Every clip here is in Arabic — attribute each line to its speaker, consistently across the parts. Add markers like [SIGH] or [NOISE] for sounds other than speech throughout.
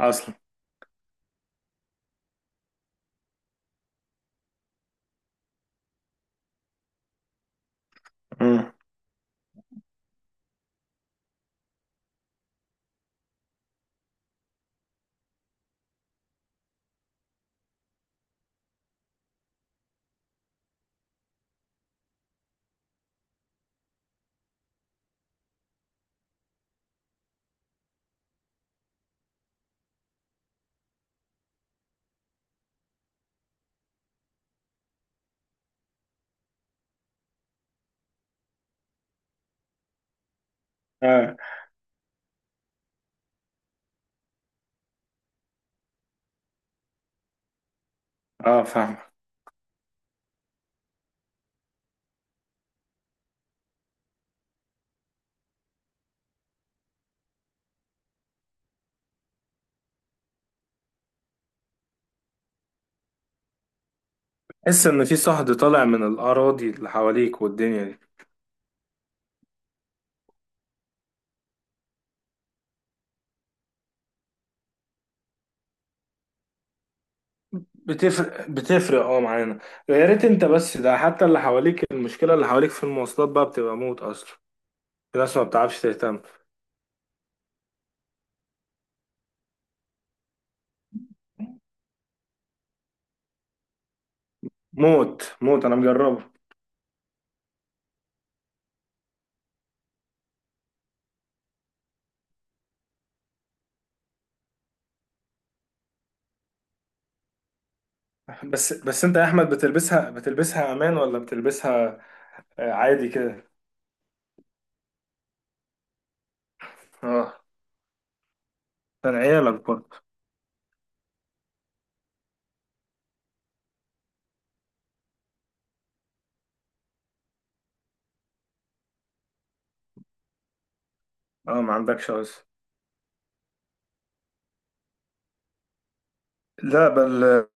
Speaker 1: اصلا. امم اه اه فاهم. تحس ان في صهد طالع من الاراضي اللي حواليك والدنيا دي. بتفرق اه معانا. يا ريت، انت بس ده حتى اللي حواليك، المشكله اللي حواليك في المواصلات بقى بتبقى موت اصلا. في ناس ما بتعرفش تهتم. موت، انا مجربه. بس انت يا احمد بتلبسها، بتلبسها امان ولا بتلبسها؟ آه، عادي كده. اه، عشان عيالك برضه. اه، ما عندكش عذر. لا بل،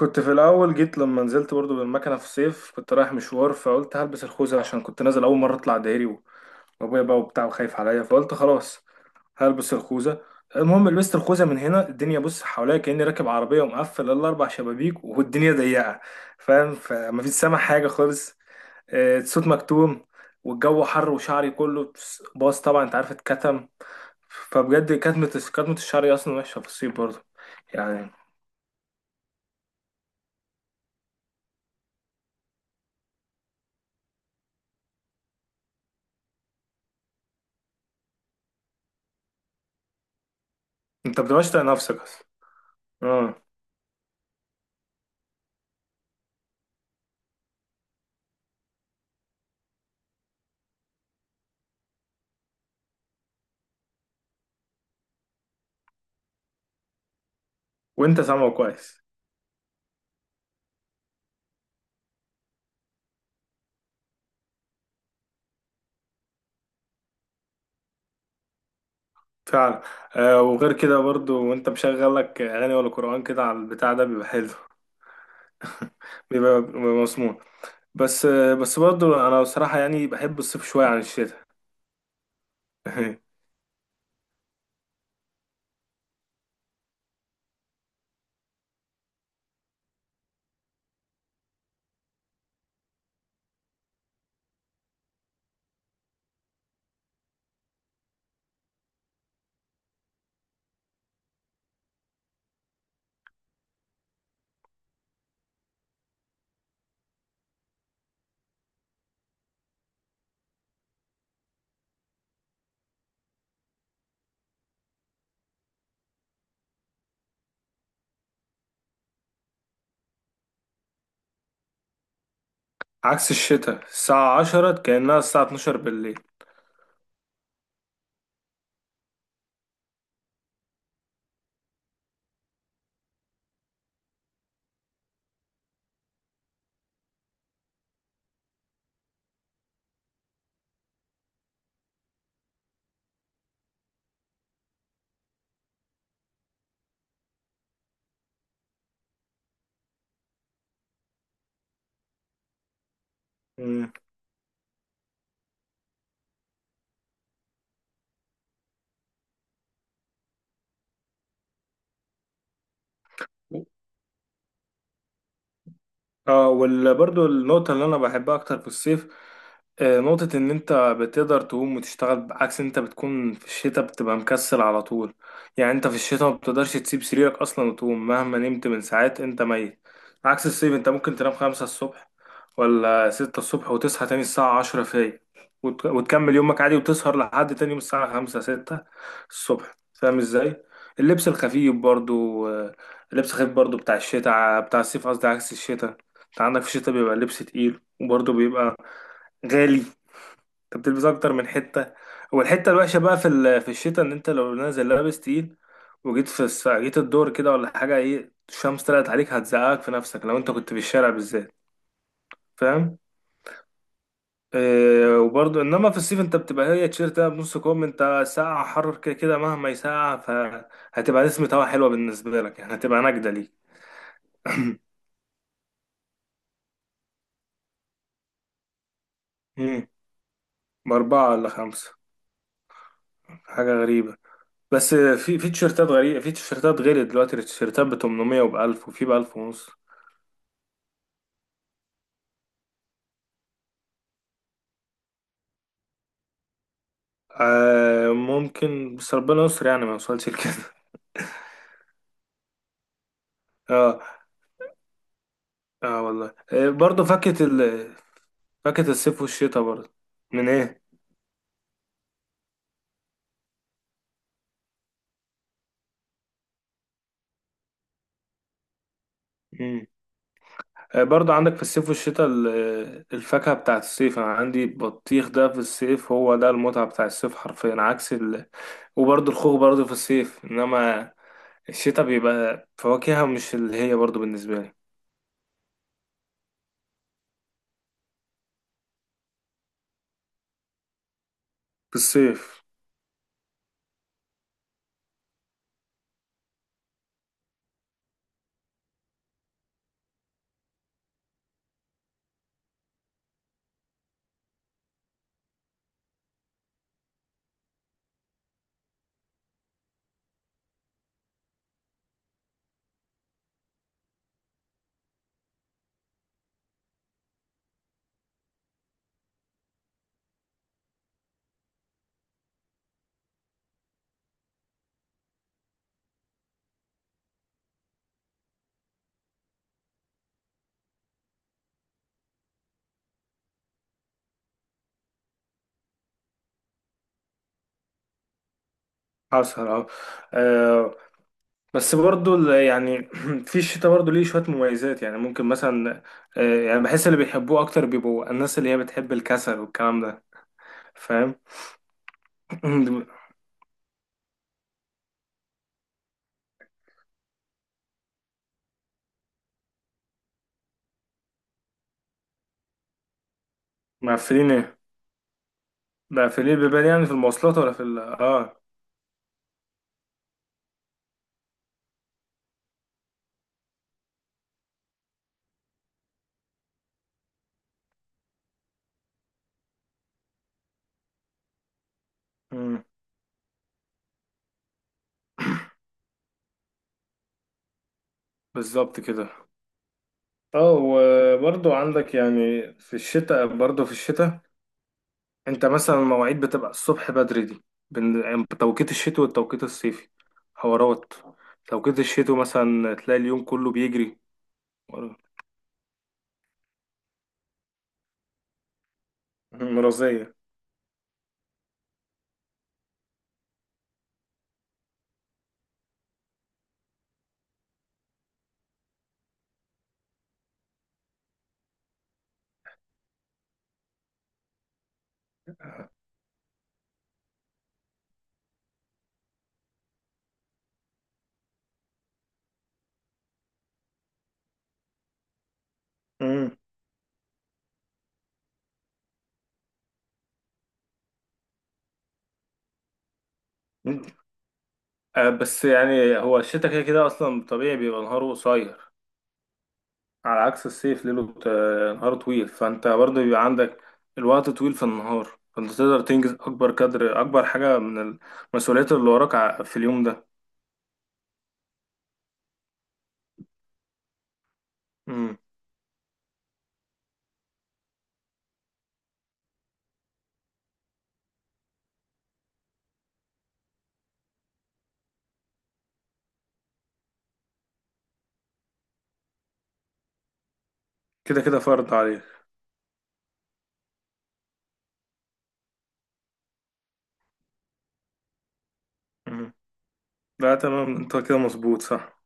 Speaker 1: كنت في الاول جيت لما نزلت برضو بالمكنه في الصيف، كنت رايح مشوار، فقلت هلبس الخوذه عشان كنت نازل اول مره اطلع دهري، وابويا بقى وبتاع وخايف عليا، فقلت خلاص هلبس الخوذه. المهم لبست الخوذه، من هنا الدنيا بص حواليا كاني راكب عربيه ومقفل الاربع شبابيك والدنيا ضيقه، فاهم؟ فمفيش سامع حاجه خالص. آه، الصوت مكتوم، والجو حر وشعري كله باظ طبعا، انت عارف اتكتم. فبجد كتمه، كتمه الشعر اصلا وحشه في الصيف برضو. يعني انت بتبقاش طايق نفسك اصلا. آه. وانت سامعه كويس. فعلا. آه، وغير كده برضو وانت مشغل لك اغاني ولا قرآن كده على البتاع ده بيبقى حلو، بيبقى مسموع. بس آه، بس برضو انا بصراحة يعني بحب الصيف شوية عن الشتاء. [LAUGHS] عكس الشتاء الساعة عشرة كأنها الساعة اتناشر بالليل. مم. اه، وبرضه النقطة اللي أنا بحبها أكتر في الصيف، آه، نقطة إن أنت بتقدر تقوم وتشتغل، بعكس أنت بتكون في الشتاء بتبقى مكسل على طول. يعني أنت في الشتاء ما بتقدرش تسيب سريرك أصلا وتقوم مهما نمت من ساعات، أنت ميت. عكس الصيف، أنت ممكن تنام خمسة الصبح ولا ستة الصبح وتصحى تاني الساعة عشرة فايق، وتكمل يومك عادي وتسهر لحد تاني يوم الساعة خمسة ستة الصبح، فاهم إزاي؟ اللبس الخفيف برضه، آه، اللبس الخفيف برضه بتاع الشتاء بتاع الصيف قصدي، عكس الشتاء. انت عندك في الشتاء بيبقى اللبس تقيل، وبرضه بيبقى غالي. انت بتلبس اكتر من حته. والحته الوحشه بقى في الشتاء ان انت لو نازل لابس تقيل، وجيت جيت الدور كده ولا حاجه، ايه الشمس طلعت عليك هتزقك في نفسك لو انت كنت في الشارع بالذات، فاهم؟ إيه، وبرضه انما في الصيف انت بتبقى هي تيشيرت ده بنص كم، انت ساقعه، حر كده كده مهما يسقع فهتبقى نسمة هوا حلوه بالنسبه لك، يعني هتبقى نجده ليك. امم، باربعه ولا خمسه، حاجه غريبه. بس في، في تيشيرتات غريبة، في تيشيرتات غالية دلوقتي، التيشيرتات ب 800 وب 1000 وفي ب 1000 ونص. آه ممكن، بس ربنا يستر يعني ما يوصلش لكده. [LAUGHS] اه اه والله. آه برضه، فاكهة فاكهة الصيف والشتاء برضه. من ايه؟ مم. آه برضه عندك في الصيف والشتاء، الفاكهة بتاعت الصيف انا عندي بطيخ، ده في الصيف هو ده المتعة بتاع الصيف حرفيا، عكس ال... وبرضه الخوخ برضه في الصيف، انما الشتاء بيبقى فواكهها مش اللي هي برضه بالنسبة لي في الصيف. حصل، اه. آه، بس برضو يعني [CLEARS THROAT] في الشتاء برضو ليه شوية مميزات، يعني ممكن مثلا، آه، يعني بحس اللي بيحبوه أكتر بيبقوا الناس اللي هي بتحب الكسل والكلام ده، فاهم؟ [CLEARS THROAT] مقفلين ايه؟ مقفلين البيبان يعني في المواصلات ولا في ال، اه. مم، بالظبط كده. اه، وبرضو عندك يعني في الشتاء، برضو في الشتاء انت مثلا المواعيد بتبقى الصبح بدري دي، بين يعني توقيت الشتوي والتوقيت الصيفي حوارات. توقيت الشتوي مثلا تلاقي اليوم كله بيجري ورا- مرضية. مم. آه، بس يعني هو الشتا كده كده اصلا طبيعي بيبقى نهاره قصير، على عكس الصيف نهاره طويل، فانت برضه بيبقى عندك الوقت طويل في النهار، فانت تقدر تنجز اكبر قدر، اكبر حاجة من المسؤوليات اللي وراك في اليوم ده. مم. كده كده فرض عليك. مم. لا تمام، انت كده مظبوط، صح.